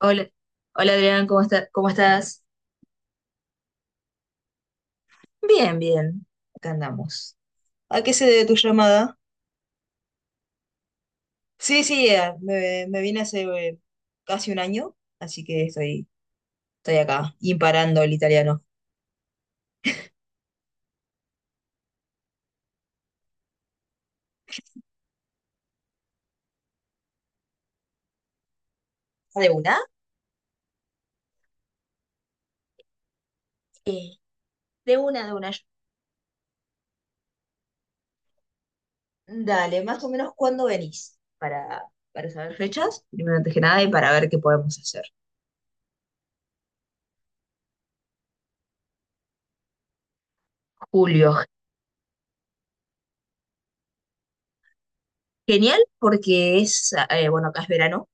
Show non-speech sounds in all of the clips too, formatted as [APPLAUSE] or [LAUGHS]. Hola, hola Adrián, ¿cómo estás? Bien, bien, acá andamos. ¿A qué se debe tu llamada? Sí, sí, me vine hace casi un año, así que estoy acá, imparando el italiano. ¿De una? Eh, de una. Dale, más o menos, ¿cuándo venís? Para saber fechas, primero antes que nada, y para ver qué podemos hacer. Julio, genial, porque es, bueno, acá es verano,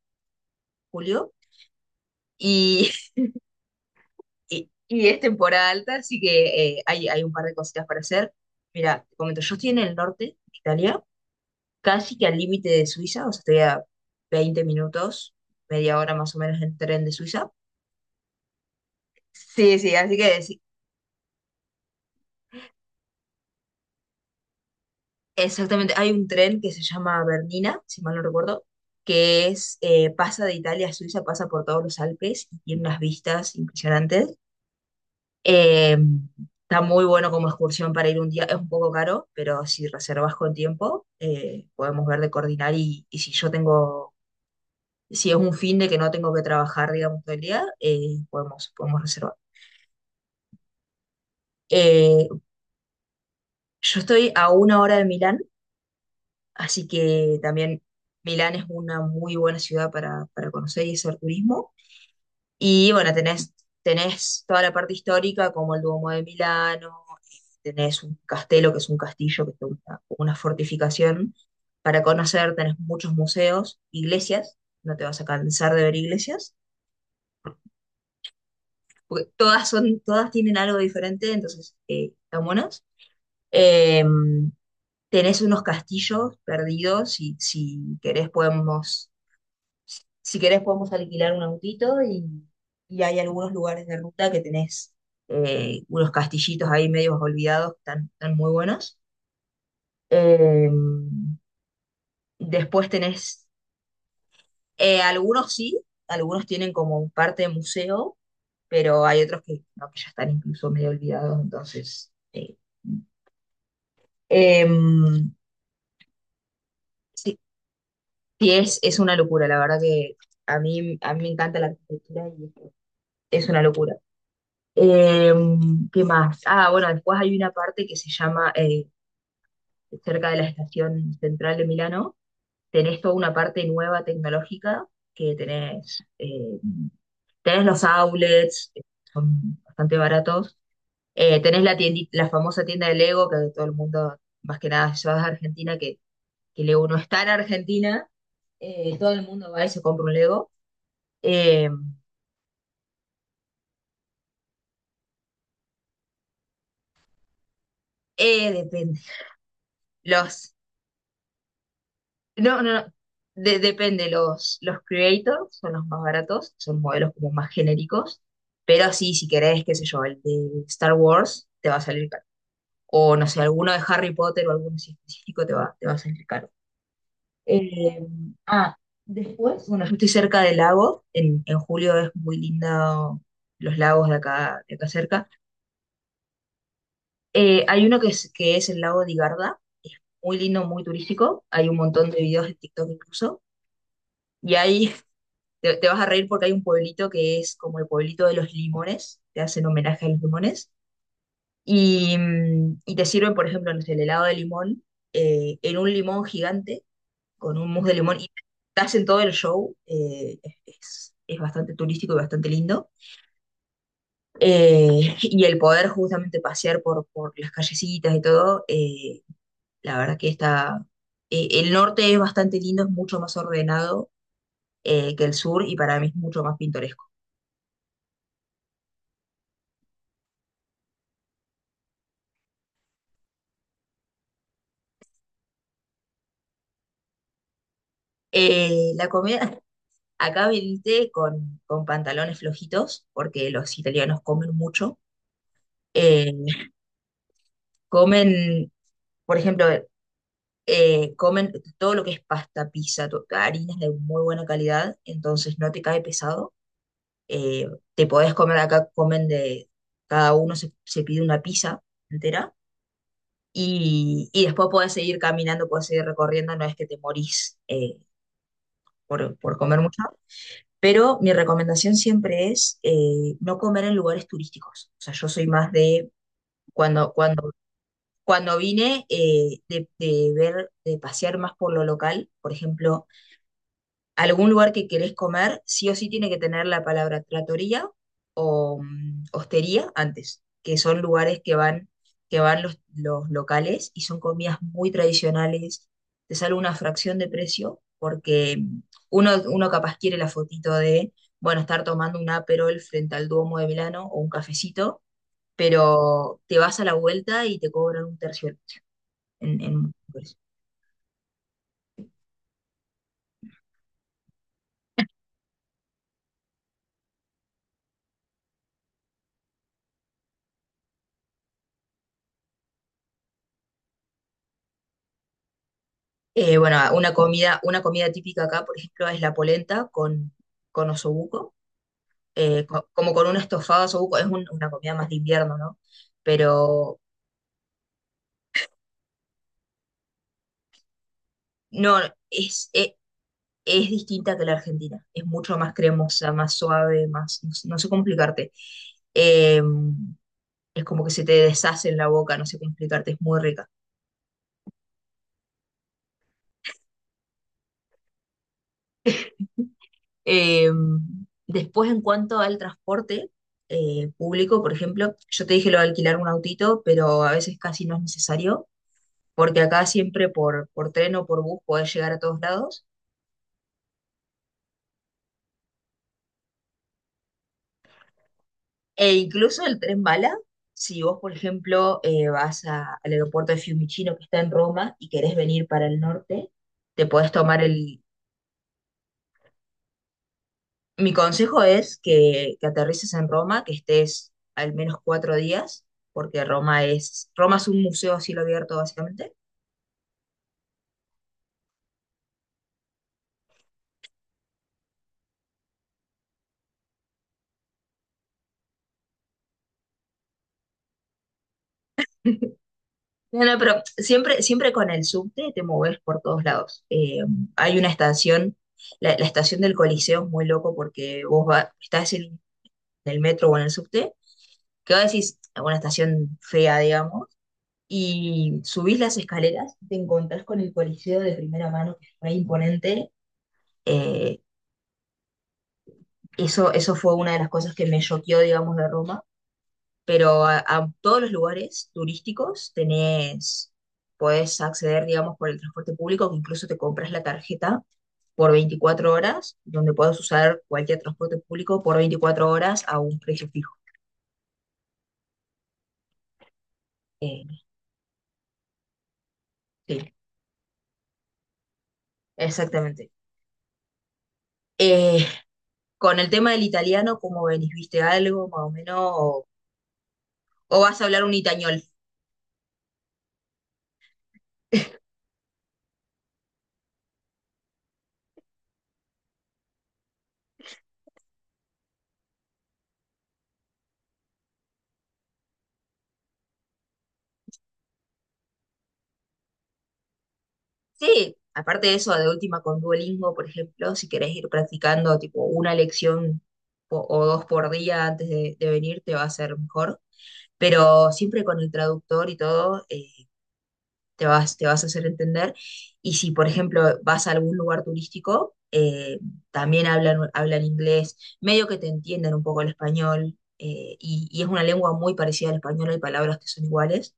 julio, y y es temporada alta, así que hay un par de cositas para hacer. Mira, te comento, yo estoy en el norte de Italia, casi que al límite de Suiza, o sea, estoy a 20 minutos, media hora más o menos en tren de Suiza. Sí, sí, así que sí, exactamente, hay un tren que se llama Bernina, si mal no recuerdo, que es, pasa de Italia a Suiza, pasa por todos los Alpes y tiene unas vistas impresionantes. Eh, Está muy bueno como excursión para ir un día, es un poco caro, pero si reservas con tiempo, podemos ver de coordinar y si si es un fin de que no tengo que trabajar, digamos, todo el día, podemos reservar. Eh, yo estoy a una hora de Milán, así que también Milán es una muy buena ciudad para conocer y hacer turismo. Y bueno, tenés toda la parte histórica, como el Duomo de Milano, eh, tenés un castelo, que es un castillo, que es una fortificación para conocer, tenés muchos museos, iglesias, no te vas a cansar de ver iglesias, porque todas son, todas tienen algo diferente, entonces están buenas. Eh, Tenés unos castillos perdidos, si querés podemos, si querés podemos alquilar un autito y hay algunos lugares de ruta que tenés unos castillitos ahí medio olvidados que están muy buenos. Eh, después tenés, Algunos sí, algunos tienen como parte de museo, pero hay otros que no, que ya están incluso medio olvidados, em, sí, sí, es una locura, la verdad que a mí me encanta la arquitectura y es una locura. Eh, ¿Qué más? Ah, bueno, después hay una parte que se llama, cerca de la estación central de Milano, tenés toda una parte nueva tecnológica que tenés los outlets, que son bastante baratos, tenés la la famosa tienda de Lego, que todo el mundo, más que nada, si vas a Argentina, que Lego no está en Argentina, todo el mundo va y se compra un Lego. Eh, Depende. Los no, no, no. Depende, los creators son los más baratos, son modelos como más genéricos, pero sí, si querés, qué sé yo, el de Star Wars te va a salir caro. O no sé, alguno de Harry Potter o alguno así específico te va a salir caro. Eh, ah, Después, bueno, yo estoy cerca del lago, en julio es muy lindo los lagos de acá cerca. Hay uno que es el lago de Garda, es muy lindo, muy turístico, hay un montón de videos de TikTok incluso. Y ahí te vas a reír porque hay un pueblito que es como el pueblito de los limones, te hacen homenaje a los limones, y, y te sirven, por ejemplo, no sé, el helado de limón en un limón gigante, con un mousse de limón, y te hacen todo el show, es bastante turístico y bastante lindo. [LAUGHS] Y el poder justamente pasear por las callecitas y todo, la verdad que está, el norte es bastante lindo, es mucho más ordenado que el sur y para mí es mucho más pintoresco. La comida, acá viniste con pantalones flojitos, porque los italianos comen mucho. Eh, comen, por ejemplo, comen todo lo que es pasta, pizza, harinas de muy buena calidad, entonces no te cae pesado. Eh, Te podés comer acá, comen de, cada uno se pide una pizza entera y después podés seguir caminando, podés seguir recorriendo, no es que te morís por comer mucho. Pero mi recomendación siempre es, no comer en lugares turísticos. O sea, yo soy más de cuando, cuando, cuando vine, de ver, de pasear más por lo local. Por ejemplo, algún lugar que querés comer, sí o sí tiene que tener la palabra trattoria o, hostería antes, que son lugares que que van los locales y son comidas muy tradicionales, te sale una fracción de precio porque, uno capaz quiere la fotito de, bueno, estar tomando un Aperol frente al Duomo de Milano o un cafecito, pero te vas a la vuelta y te cobran un tercio en, en- bueno, una comida típica acá, por ejemplo, es la polenta con osobuco, como con un estofado de osobuco, es una comida más de invierno, ¿no? Pero no, es, e- es distinta que la Argentina, es mucho más cremosa, más suave, más, no sé, no sé cómo explicarte. Eh, es como que se te deshace en la boca, no sé cómo explicarte, es muy rica. Eh, Después, en cuanto al transporte, público, por ejemplo, yo te dije lo de alquilar un autito, pero a veces casi no es necesario porque acá siempre por tren o por bus podés llegar a todos lados. E incluso el tren bala, si vos, por ejemplo, al aeropuerto de Fiumicino que está en Roma y querés venir para el norte, te podés tomar el... Mi consejo es que aterrices en Roma, que estés al menos cuatro días, porque Roma Roma es un museo a cielo abierto básicamente. No, no, pero siempre, siempre con el subte te moves por todos lados. Hay una estación, la estación del Coliseo es muy loco porque vos estás en el metro o en el subte, que vos decís, una estación fea, digamos, y subís las escaleras y te encontrás con el Coliseo de primera mano, que es re imponente. Eh, Eso fue una de las cosas que me choqueó, digamos, de Roma, pero a todos los lugares turísticos tenés, podés acceder, digamos, por el transporte público, que incluso te compras la tarjeta por 24 horas, donde puedes usar cualquier transporte público por 24 horas a un precio fijo. Eh, sí, exactamente. Eh, con el tema del italiano, ¿cómo venís? ¿Viste algo más o menos? ¿O o vas a hablar un itañol? Sí, aparte de eso, de última con Duolingo, por ejemplo, si querés ir practicando tipo una lección o dos por día antes de venir, te va a ser mejor. Pero siempre con el traductor y todo, te vas a hacer entender. Y si, por ejemplo, vas a algún lugar turístico, también hablan inglés, medio que te entienden un poco el español, y es una lengua muy parecida al español, hay palabras que son iguales,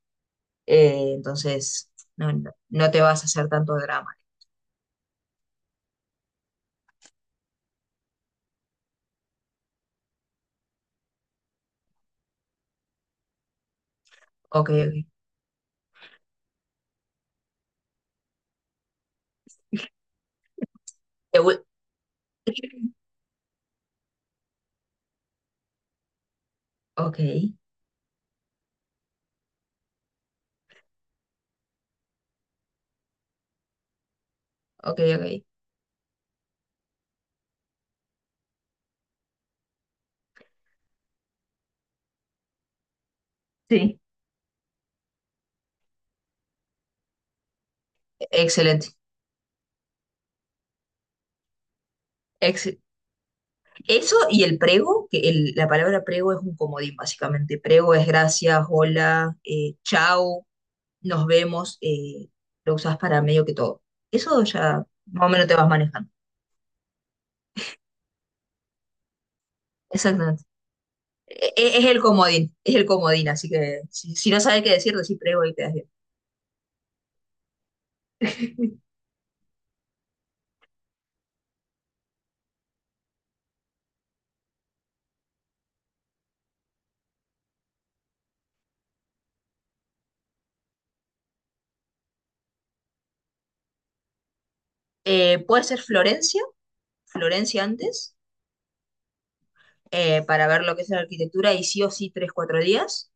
entonces, no te vas a hacer tanto drama. Ok, ok. Te vu- Ok, ok, ok. Sí. Excelente. Ex- Eso y el prego, la palabra prego es un comodín, básicamente. Prego es gracias, hola, chao, nos vemos. Lo usas para medio que todo. Eso ya más o menos te vas manejando. Exactamente. Es el comodín, es el comodín, así que si no sabes qué decir, decís prego y quedas bien. [LAUGHS] Puede ser Florencia, Florencia antes, para ver lo que es la arquitectura y sí o sí tres, cuatro días.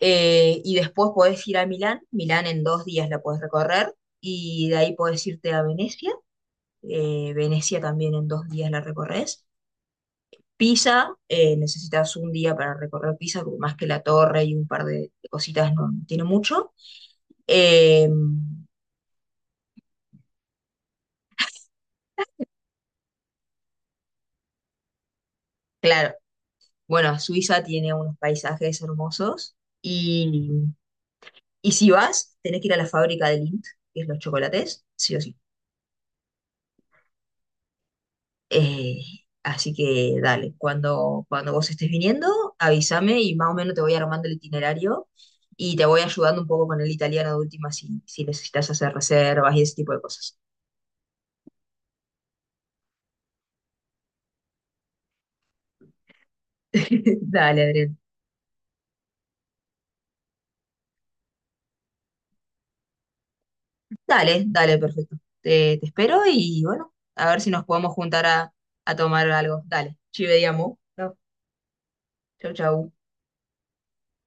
Y después podés ir a Milán, Milán en dos días la podés recorrer y de ahí podés irte a Venecia, Venecia también en dos días la recorres. Pisa, necesitas un día para recorrer Pisa, porque más que la torre y un par de cositas no, no tiene mucho. Eh, claro, bueno, Suiza tiene unos paisajes hermosos y, y si vas, tenés que ir a la fábrica de Lindt, que es los chocolates, sí o sí. Eh, Así que dale, cuando vos estés viniendo, avísame y más o menos te voy armando el itinerario y te voy ayudando un poco con el italiano de última si necesitas hacer reservas y ese tipo de cosas. [LAUGHS] Dale, Adrián. Dale, dale, perfecto. Te espero y bueno, a ver si nos podemos juntar a tomar algo. Dale, ci vediamo. Chau, chau. Chau.